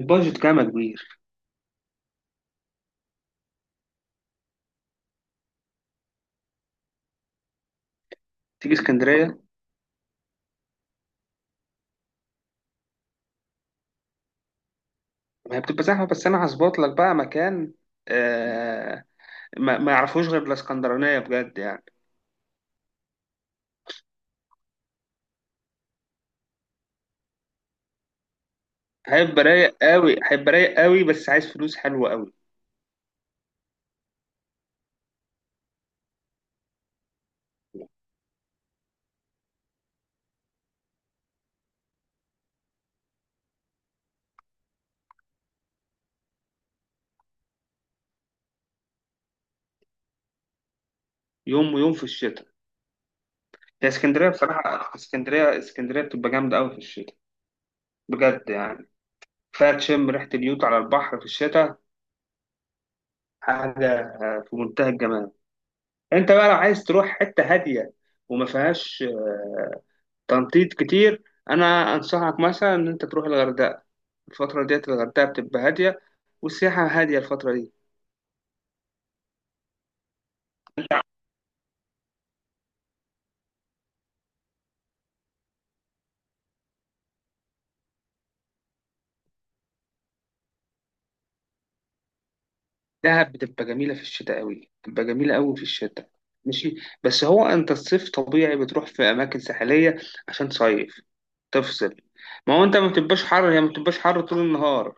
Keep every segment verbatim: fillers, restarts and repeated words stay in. البادجت كام يا كبير؟ تيجي اسكندريه؟ ما هي بتبقى زحمه، بس انا هظبط لك بقى مكان. آه. ما, ما يعرفوش غير الاسكندرانيه، بجد يعني. هيبقى رايق قوي، هيبقى رايق قوي، بس عايز فلوس حلوه قوي. يوم ويوم في الشتاء. هي اسكندريه بصراحه، اسكندريه اسكندريه بتبقى جامده قوي في الشتاء، بجد يعني. كفايه تشم ريحه اليوت على البحر في الشتاء. حاجه آه، في منتهى الجمال. انت بقى لو عايز تروح حته هاديه وما فيهاش آه، تنطيط كتير، انا انصحك مثلا ان انت تروح الغردقه. الفتره ديت الغردقه بتبقى هاديه، والسياحه هاديه الفتره دي. دهب بتبقى جميله في الشتاء قوي، بتبقى جميله قوي في الشتاء. ماشي. بس هو انت الصيف طبيعي بتروح في اماكن ساحليه عشان تصيف، تفصل. ما هو انت ما بتبقاش حر، هي ما بتبقاش حر طول النهار.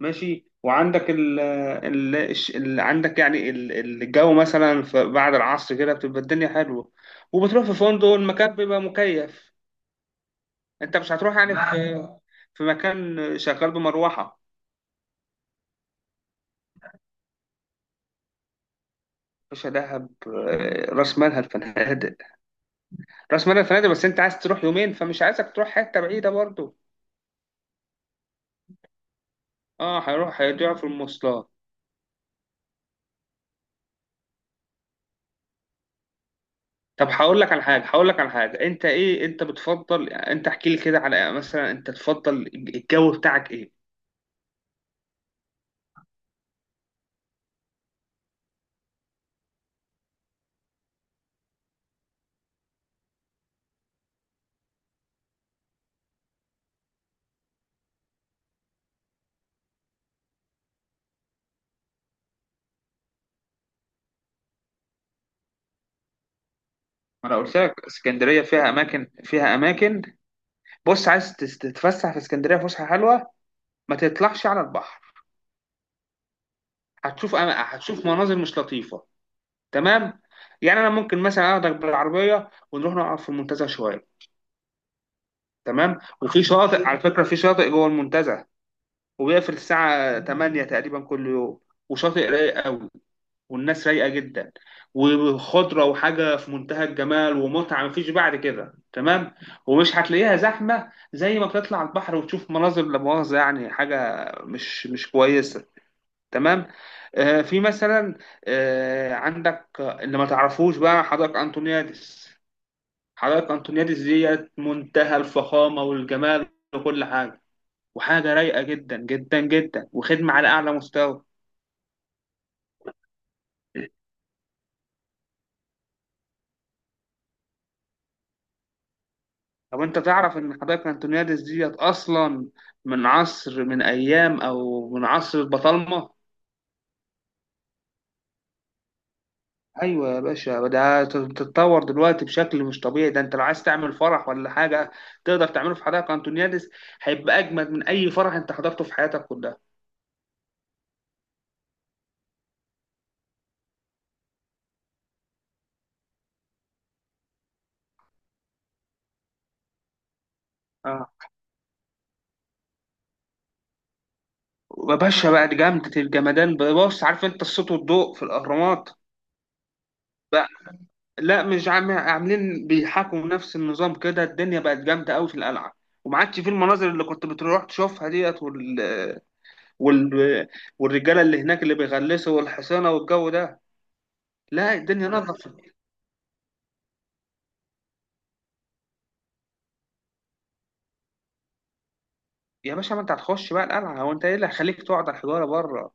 ماشي. وعندك ال ال الش- ال- عندك يعني ال- الجو مثلا في- بعد العصر كده بتبقى الدنيا حلوه، وبتروح في فندق المكان بيبقى مكيف. انت مش هتروح يعني في. نعم. في مكان شغال بمروحه. مش دهب آه، راس مالها الفنادق، راس مالها الفنادق، بس انت عايز تروح يومين، فمش عايزك تروح حته بعيده برضو. اه، هيروح هيضيع في المواصلات. طب هقول لك على حاجه، هقول لك على حاجه، انت ايه انت بتفضل؟ انت احكي لي كده على مثلا انت تفضل الجو بتاعك ايه. ما انا قلت لك اسكندريه فيها اماكن، فيها اماكن. بص، عايز تس- تتفسح في اسكندريه فسحه حلوه؟ ما تطلعش على البحر، هتشوف أما... هتشوف مناظر مش لطيفه. تمام. يعني انا ممكن مثلا اخدك بالعربيه ونروح نقعد في المنتزه شويه، تمام، وفي شاطئ على فكره، في شاطئ جوه المنتزه، وبيقفل الساعه تمانية تقريبا كل يوم. وشاطئ رايق قوي، والناس رايقه جدا، وخضره، وحاجه في منتهى الجمال ومتعه مفيش بعد كده، تمام. ومش هتلاقيها زحمه زي ما بتطلع البحر وتشوف مناظر لا مؤاخذه، يعني حاجه مش مش كويسه. تمام. آه، في مثلا. آه، عندك اللي ما تعرفوش بقى حدائق انطونيادس. حدائق أنطونيادس ديت منتهى الفخامة والجمال وكل حاجة، وحاجة رايقة جدا جدا جدا، وخدمة على أعلى مستوى. طب أنت تعرف إن حدائق أنطونيادس ديت أصلا من عصر، من أيام، أو من عصر البطالمة؟ أيوة يا باشا، ده تتطور دلوقتي بشكل مش طبيعي. ده أنت لو عايز تعمل فرح ولا حاجة، تقدر تعمله في حدائق أنطونيادس. هيبقى أجمد من أي فرح أنت حضرته في حياتك كلها. اه. يا باشا بقى دي جامدة الجمدان. بص، عارف أنت الصوت والضوء في الأهرامات؟ لا، مش عم... عاملين بيحاكوا نفس النظام كده. الدنيا بقت جامدة قوي في القلعة، وما عادش في المناظر اللي كنت بتروح تشوفها ديت، وال... وال... والرجالة اللي هناك اللي بيغلسوا، والحصانة والجو ده. لا، الدنيا نظفت. يا باشا، ما انت هتخش بقى القلعة، هو انت ايه اللي هيخليك تقعد على الحجارة بره؟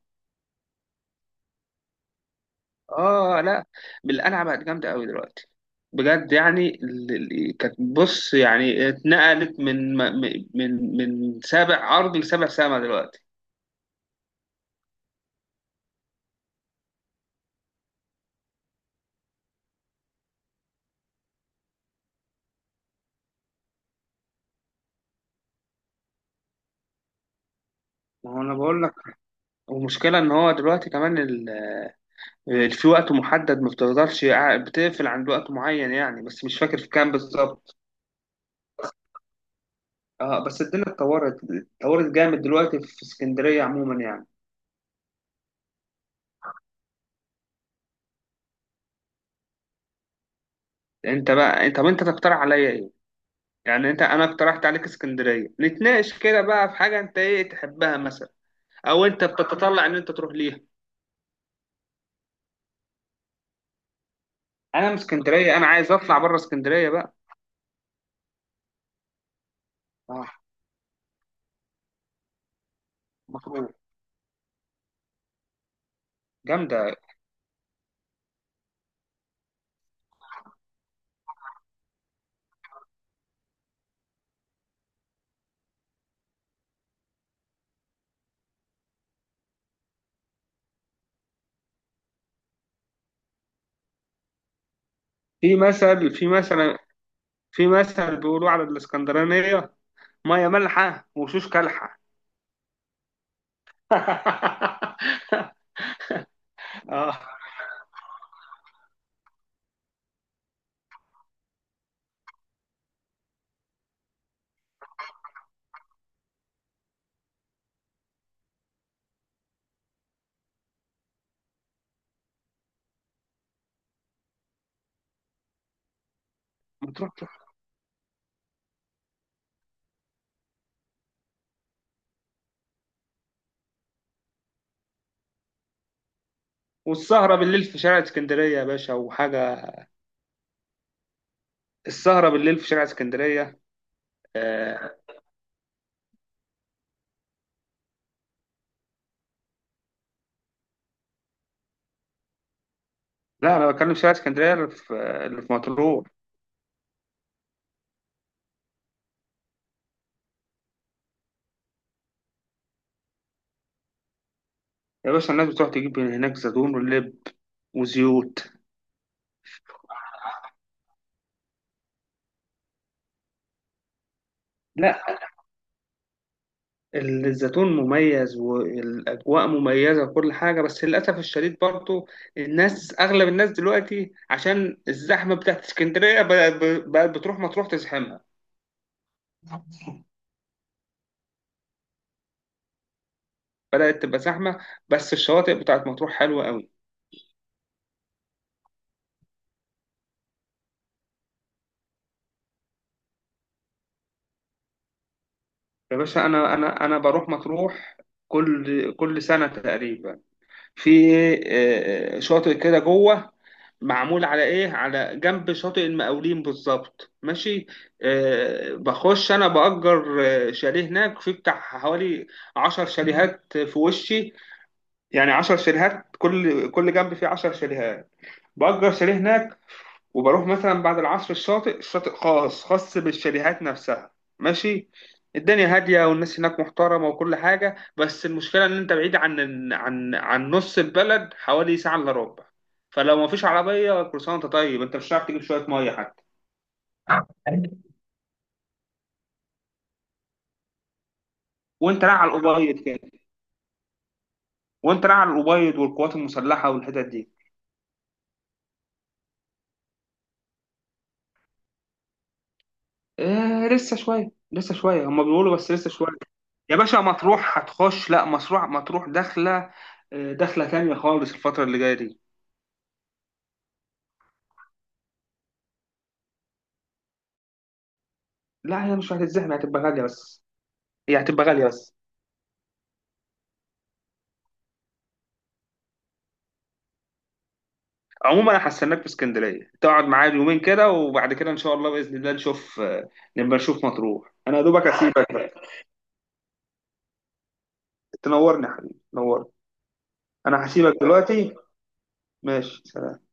اه لا. القلعة بقت جامدة قوي دلوقتي، بجد يعني. ال- ال- كانت، بص يعني، اتنقلت من من من من سابع ارض لسابع سما دلوقتي. ما هو انا بقول لك، ومشكلة إن هو دلوقتي كمان ال- ال- في وقت محدد، ما بتقدرش يع- بتقفل عند وقت معين يعني، بس مش فاكر في كام بالظبط. اه، بس الدنيا اتطورت، اتطورت جامد دلوقتي في اسكندرية عموما يعني. انت بقى، انت، طب انت تقترح عليا ايه؟ يعني انت، انا اقترحت عليك اسكندرية، نتناقش كده بقى في حاجة انت ايه تحبها مثلا، او انت بتتطلع ان انت تروح ليها. انا من اسكندرية، انا عايز اطلع بره اسكندرية بقى. اه. مطروح؟ جامدة. في مثل في مثل في مثل بيقولوا على الاسكندرانية: ميه مالحه وشوش كالحه. اه. ما تروح تروح. والسهره بالليل في شارع اسكندريه يا باشا، وحاجه. السهره بالليل في شارع اسكندريه. آه. لا، انا بتكلم في شارع اسكندريه اللي في، اللي في مطروح. يا باشا، الناس بتروح تجيب من هناك زيتون ولب وزيوت. لا، الزيتون مميز والاجواء مميزه وكل حاجه، بس للاسف الشديد برضه الناس، اغلب الناس دلوقتي، عشان الزحمه بتاعت اسكندريه بقت بقت بتروح مطروح تزحمها. بدأت تبقى زحمة. بس الشواطئ بتاعت مطروح حلوة قوي. يا باشا، أنا أنا أنا بروح مطروح كل كل سنة تقريبا. في إيه، آه، شاطئ كده جوه، معمول على إيه على جنب شاطئ المقاولين بالظبط، ماشي. آه، بخش أنا بأجر آه، شاليه هناك، في بتاع حوالي عشر شاليهات في وشي، يعني عشر شاليهات، كل كل جنب فيه عشر شاليهات. بأجر شاليه هناك وبروح مثلا بعد العصر. الشاطئ، الشاطئ خاص، خاص بالشاليهات نفسها، ماشي. الدنيا هادية والناس هناك محترمة وكل حاجة، بس المشكلة إن أنت بعيد عن ال- عن عن نص البلد حوالي ساعة إلا ربع. فلو مفيش عربية كروسان أنت، طيب أنت مش هتعرف تجيب شوية مية حتى. وأنت رايح على الأبيض كده، وأنت رايح على الأبيض والقوات المسلحة والحتت دي. آه، لسه شوية، لسه شوية، هما بيقولوا بس لسه شوية. يا باشا، مطروح هتخش. لا، مطروح، مطروح داخلة آه، داخلة تانية خالص الفترة اللي جاية دي. لا، هي مش هتتزحم، هتبقى غالية بس، هي هتبقى غالية بس. عموما، انا هستناك في اسكندرية، تقعد معايا يومين كده، وبعد كده ان شاء الله بإذن الله نشوف، آه، نبقى نشوف مطروح. انا يا دوبك هسيبك بقى. تنورني يا حبيبي، تنورني. انا هسيبك دلوقتي. ماشي، سلام.